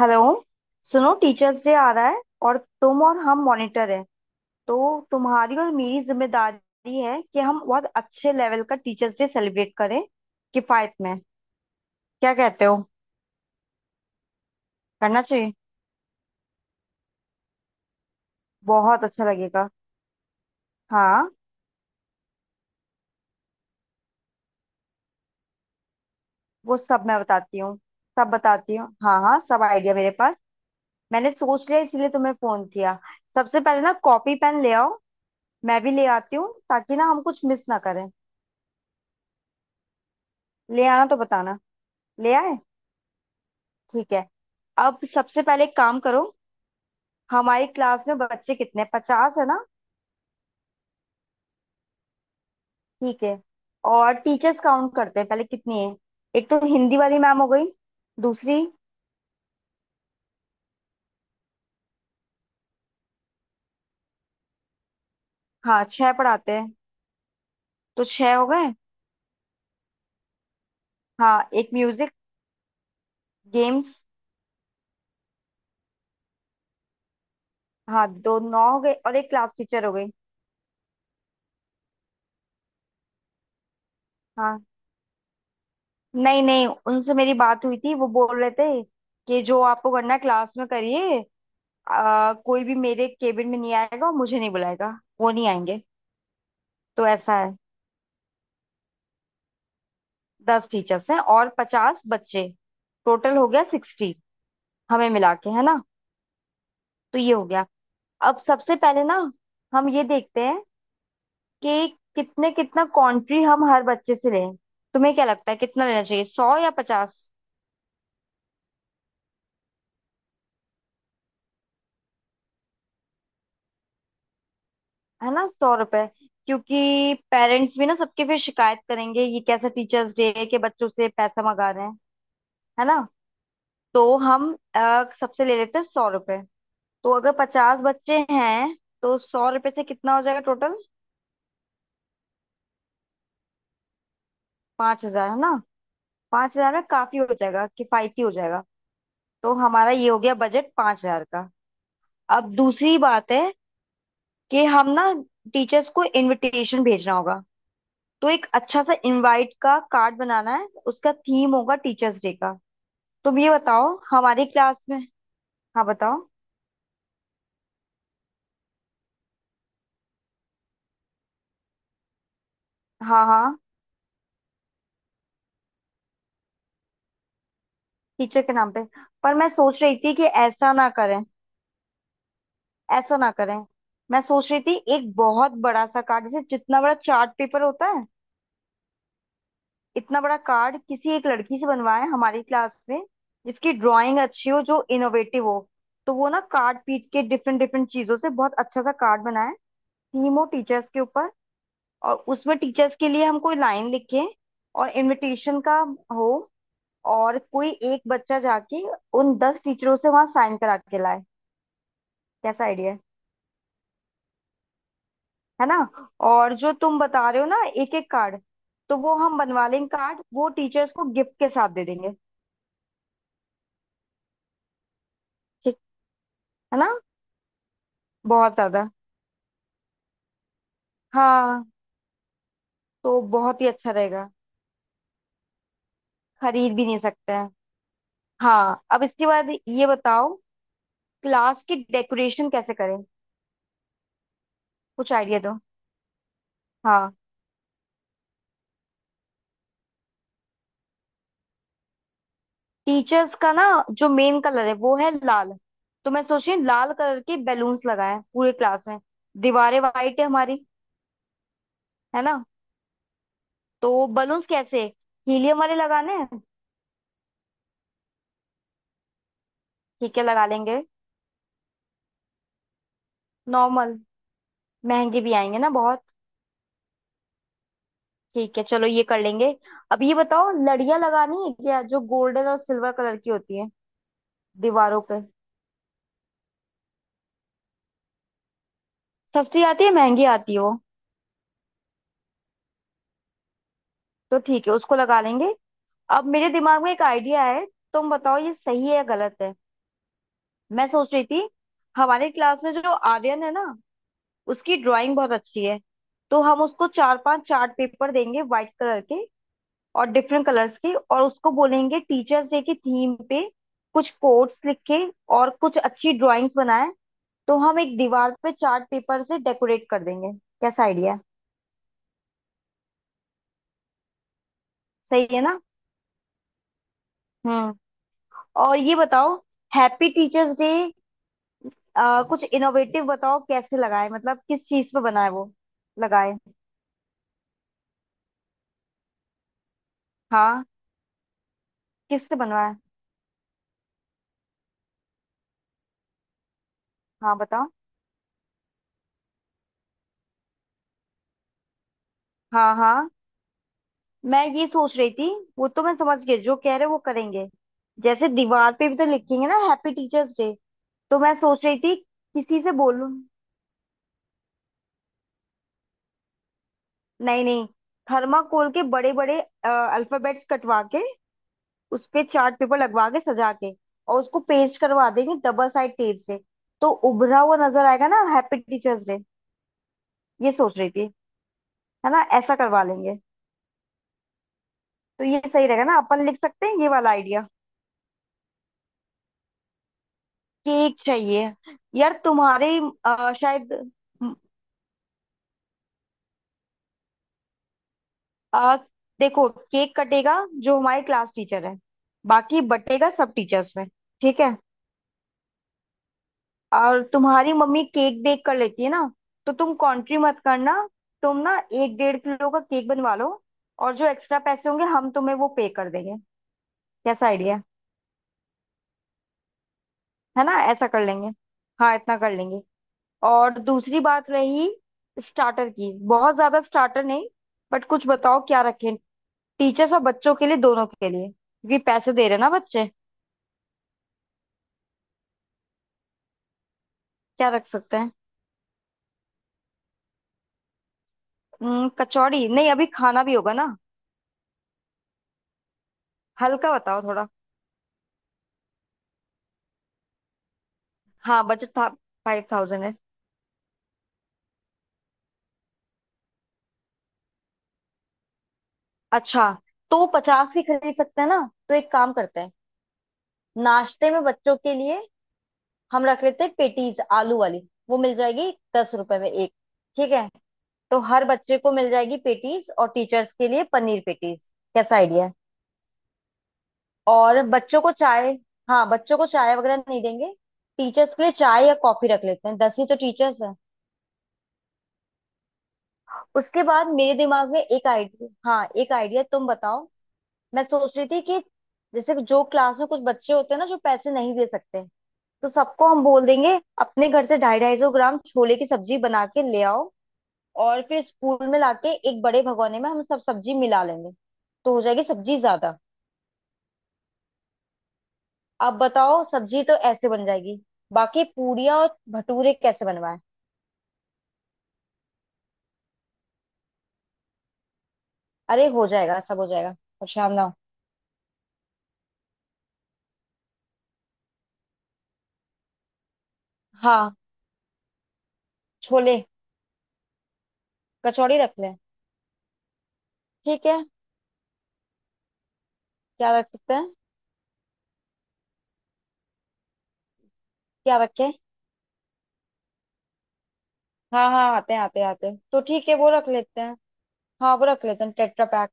Hello. सुनो, teachers day आ रहा है और तुम और हम मॉनिटर हैं। तो तुम्हारी और मेरी जिम्मेदारी है कि हम बहुत अच्छे लेवल का टीचर्स डे सेलिब्रेट करें किफायत में। क्या कहते हो? करना चाहिए। बहुत अच्छा लगेगा। हाँ। वो सब मैं बताती हूँ। सब बताती हूँ। हाँ हाँ, सब आइडिया मेरे पास। मैंने सोच लिया इसीलिए तुम्हें फोन किया। सबसे पहले ना कॉपी पेन ले आओ। मैं भी ले आती हूँ ताकि ना हम कुछ मिस ना करें। ले आना तो बताना। ले आए? ठीक है। अब सबसे पहले एक काम करो। हमारी क्लास में बच्चे कितने? 50 है ना? ठीक है। और टीचर्स काउंट करते हैं, पहले कितनी है? एक तो हिंदी वाली मैम हो गई, दूसरी। हाँ, छह पढ़ाते हैं। तो छह हो गए। हाँ, एक म्यूजिक, गेम्स। हाँ, दो, नौ हो गए, और एक क्लास टीचर हो गई। हाँ। नहीं नहीं, उनसे मेरी बात हुई थी। वो बोल रहे थे कि जो आपको करना है क्लास में करिए। कोई भी मेरे केबिन में नहीं आएगा और मुझे नहीं बुलाएगा। वो नहीं आएंगे। तो ऐसा है, 10 टीचर्स हैं और 50 बच्चे। टोटल हो गया 60। हमें मिला के, है ना? तो ये हो गया। अब सबसे पहले ना हम ये देखते हैं कि कितने कितना कंट्री हम हर बच्चे से लें। तुम्हें क्या लगता है, कितना लेना चाहिए, 100 या 50? है ना? ₹100? क्योंकि पेरेंट्स भी ना सबके फिर शिकायत करेंगे, ये कैसा टीचर्स डे है कि बच्चों से पैसा मंगा रहे हैं। है ना? तो हम सबसे ले लेते हैं ₹100। तो अगर 50 बच्चे हैं तो ₹100 से कितना हो जाएगा टोटल? 5,000, है ना? 5,000 में काफी हो जाएगा, किफायती हो जाएगा। तो हमारा ये हो गया बजट 5,000 का। अब दूसरी बात है कि हम ना टीचर्स को इनविटेशन भेजना होगा। तो एक अच्छा सा इनवाइट का कार्ड बनाना है। उसका थीम होगा टीचर्स डे का। तुम ये बताओ हमारी क्लास में। हाँ बताओ। हाँ हाँ, टीचर के नाम पे। पर मैं सोच रही थी कि ऐसा ना करें। ऐसा ना करें। मैं सोच रही थी एक बहुत बड़ा सा कार्ड, जैसे जितना बड़ा चार्ट पेपर होता है, इतना बड़ा कार्ड किसी एक लड़की से बनवाएं हमारी क्लास में, जिसकी ड्राइंग अच्छी हो, जो इनोवेटिव हो। तो वो ना कार्ड पीट के डिफरेंट डिफरेंट चीजों से बहुत अच्छा सा कार्ड बनाए। थीम हो टीचर्स के ऊपर, और उसमें टीचर्स के लिए हम कोई लाइन लिखें और इनविटेशन का हो। और कोई एक बच्चा जाके उन 10 टीचरों से वहां साइन करा के लाए। कैसा आइडिया है? है ना? और जो तुम बता रहे हो ना, एक एक कार्ड, तो वो हम बनवा लेंगे कार्ड, वो टीचर्स को गिफ्ट के साथ दे देंगे। ठीक है ना? बहुत ज्यादा। हाँ, तो बहुत ही अच्छा रहेगा। खरीद भी नहीं सकते हैं। हाँ, अब इसके बाद ये बताओ, क्लास की डेकोरेशन कैसे करें? कुछ आइडिया दो। हाँ, टीचर्स का ना जो मेन कलर है वो है लाल। तो मैं सोच रही हूँ लाल कलर के बैलून्स लगाएं पूरे क्लास में। दीवारें वाइट है हमारी, है ना? तो बलून्स कैसे, हीलियम वाले लगाने हैं? ठीक है, लगा लेंगे नॉर्मल। महंगे भी आएंगे ना बहुत। ठीक है, चलो ये कर लेंगे। अब ये बताओ, लड़ियां लगानी है क्या, जो गोल्डन और सिल्वर कलर की होती है, दीवारों पे। सस्ती आती है, महंगी आती है वो? तो ठीक है, उसको लगा लेंगे। अब मेरे दिमाग में एक आइडिया है। तुम बताओ ये सही है या गलत है। मैं सोच रही थी, हमारे क्लास में जो आर्यन है ना, उसकी ड्राइंग बहुत अच्छी है। तो हम उसको चार पांच चार्ट पेपर देंगे, व्हाइट कलर के और डिफरेंट कलर्स के, और उसको बोलेंगे टीचर्स डे की थीम पे कुछ कोट्स लिखे और कुछ अच्छी ड्राइंग्स बनाए। तो हम एक दीवार पे चार्ट पेपर से डेकोरेट कर देंगे। कैसा आइडिया? सही है ना? हम्म। और ये बताओ, हैप्पी टीचर्स डे, कुछ इनोवेटिव बताओ, कैसे लगाए, मतलब किस चीज पे बनाए, वो लगाए। हाँ, किससे बनवाए? हाँ बताओ। हाँ हाँ, मैं ये सोच रही थी, वो तो मैं समझ गई जो कह रहे हो वो करेंगे। जैसे दीवार पे भी तो लिखेंगे ना हैप्पी टीचर्स डे, तो मैं सोच रही थी किसी से बोलूं। नहीं नहीं, थर्माकोल के बड़े बड़े अल्फाबेट्स कटवा के, उस पे चार्ट पेपर लगवा के, सजा के, और उसको पेस्ट करवा देंगे डबल साइड टेप से। तो उभरा हुआ नजर आएगा ना हैप्पी टीचर्स डे। ये सोच रही थी। है ना? ऐसा करवा लेंगे। तो ये सही रहेगा ना, अपन लिख सकते हैं ये वाला आइडिया। केक चाहिए। यार तुम्हारे शायद म, अ, देखो, केक कटेगा जो हमारे क्लास टीचर है, बाकी बटेगा सब टीचर्स में। ठीक है। और तुम्हारी मम्मी केक बेक कर लेती है ना, तो तुम कंट्री मत करना। तुम ना एक 1.5 किलो का केक बनवा लो, और जो एक्स्ट्रा पैसे होंगे हम तुम्हें वो पे कर देंगे। कैसा आइडिया है? है ना? ऐसा कर लेंगे। हाँ, इतना कर लेंगे। और दूसरी बात रही स्टार्टर की, बहुत ज्यादा स्टार्टर नहीं, बट कुछ बताओ क्या रखें, टीचर्स और बच्चों के लिए, दोनों के लिए, क्योंकि पैसे दे रहे हैं ना बच्चे। क्या रख सकते हैं? कचौड़ी नहीं, अभी खाना भी होगा ना। हल्का बताओ थोड़ा। हाँ, बजट था 5,000। अच्छा, तो 50 की खरीद सकते हैं ना? तो एक काम करते हैं, नाश्ते में बच्चों के लिए हम रख लेते हैं पेटीज आलू वाली, वो मिल जाएगी ₹10 में एक। ठीक है। तो हर बच्चे को मिल जाएगी पेटीज, और टीचर्स के लिए पनीर पेटीज। कैसा आइडिया है? और बच्चों को चाय? हाँ, बच्चों को चाय वगैरह नहीं देंगे। टीचर्स के लिए चाय या कॉफी रख लेते हैं, 10 ही तो टीचर्स हैं। उसके बाद मेरे दिमाग में एक आइडिया, हाँ, एक आइडिया, तुम बताओ। मैं सोच रही थी कि जैसे जो क्लास में कुछ बच्चे होते हैं ना जो पैसे नहीं दे सकते, तो सबको हम बोल देंगे अपने घर से 250-250 ग्राम छोले की सब्जी बना के ले आओ, और फिर स्कूल में लाके एक बड़े भगोने में हम सब सब्जी मिला लेंगे। तो हो जाएगी सब्जी ज्यादा। अब बताओ, सब्जी तो ऐसे बन जाएगी, बाकी पूड़ियाँ और भटूरे कैसे बनवाए? अरे हो जाएगा, सब हो जाएगा। परेशान ना हो। हाँ, छोले कचौड़ी रख लें। ठीक है। क्या रख सकते हैं, क्या रखें? हाँ हाँ, आते हैं आते हैं आते हैं, तो ठीक है, वो रख लेते हैं। हाँ, वो रख लेते हैं टेट्रा पैक।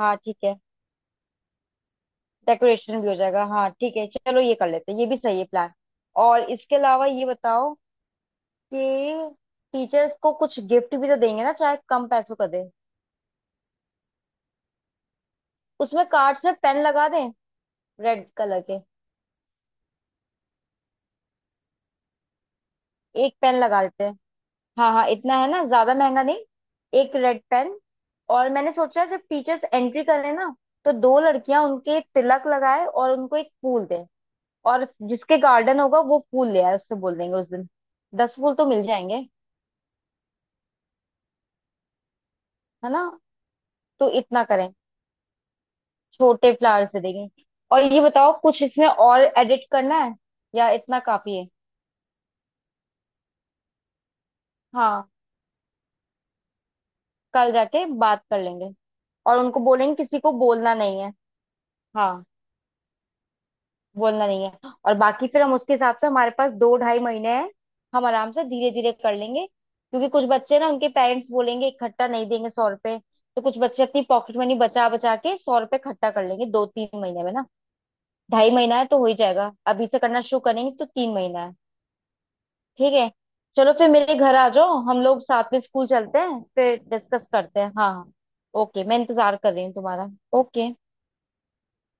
हाँ, ठीक है। डेकोरेशन भी हो जाएगा। हाँ, ठीक है, चलो ये कर लेते हैं, ये भी सही है प्लान। और इसके अलावा ये बताओ कि टीचर्स को कुछ गिफ्ट भी तो देंगे ना, चाहे कम पैसों का दें। उसमें कार्ड्स में पेन लगा दें, रेड कलर के। एक पेन लगा देते हैं। हाँ हाँ, इतना है ना, ज्यादा महंगा नहीं। एक रेड पेन। और मैंने सोचा, जब टीचर्स एंट्री करें ना, तो दो लड़कियां उनके तिलक लगाए और उनको एक फूल दें। और जिसके गार्डन होगा वो फूल ले आए, उससे बोल देंगे उस दिन। 10 फूल तो मिल जाएंगे। है ना? तो इतना करें, छोटे फ्लावर्स दे देंगे। और ये बताओ, कुछ इसमें और एडिट करना है, या इतना काफी है? हाँ, कल जाके बात कर लेंगे। और उनको बोलेंगे किसी को बोलना नहीं है। हाँ, बोलना नहीं है, और बाकी फिर हम उसके हिसाब से, हमारे पास 2-2.5 महीने हैं। हम आराम से धीरे धीरे कर लेंगे, क्योंकि कुछ बच्चे ना उनके पेरेंट्स बोलेंगे इकट्ठा नहीं देंगे ₹100। तो कुछ बच्चे अपनी पॉकेट मनी बचा बचा के ₹100 इकट्ठा कर लेंगे 2-3 महीने में ना। 2.5 महीना है तो हो ही जाएगा, अभी से करना शुरू करेंगे तो 3 महीना है। ठीक है। चलो फिर मेरे घर आ जाओ, हम लोग साथ में स्कूल चलते हैं, फिर डिस्कस करते हैं। हाँ हाँ। ओके, मैं इंतजार कर रही हूँ तुम्हारा। ओके।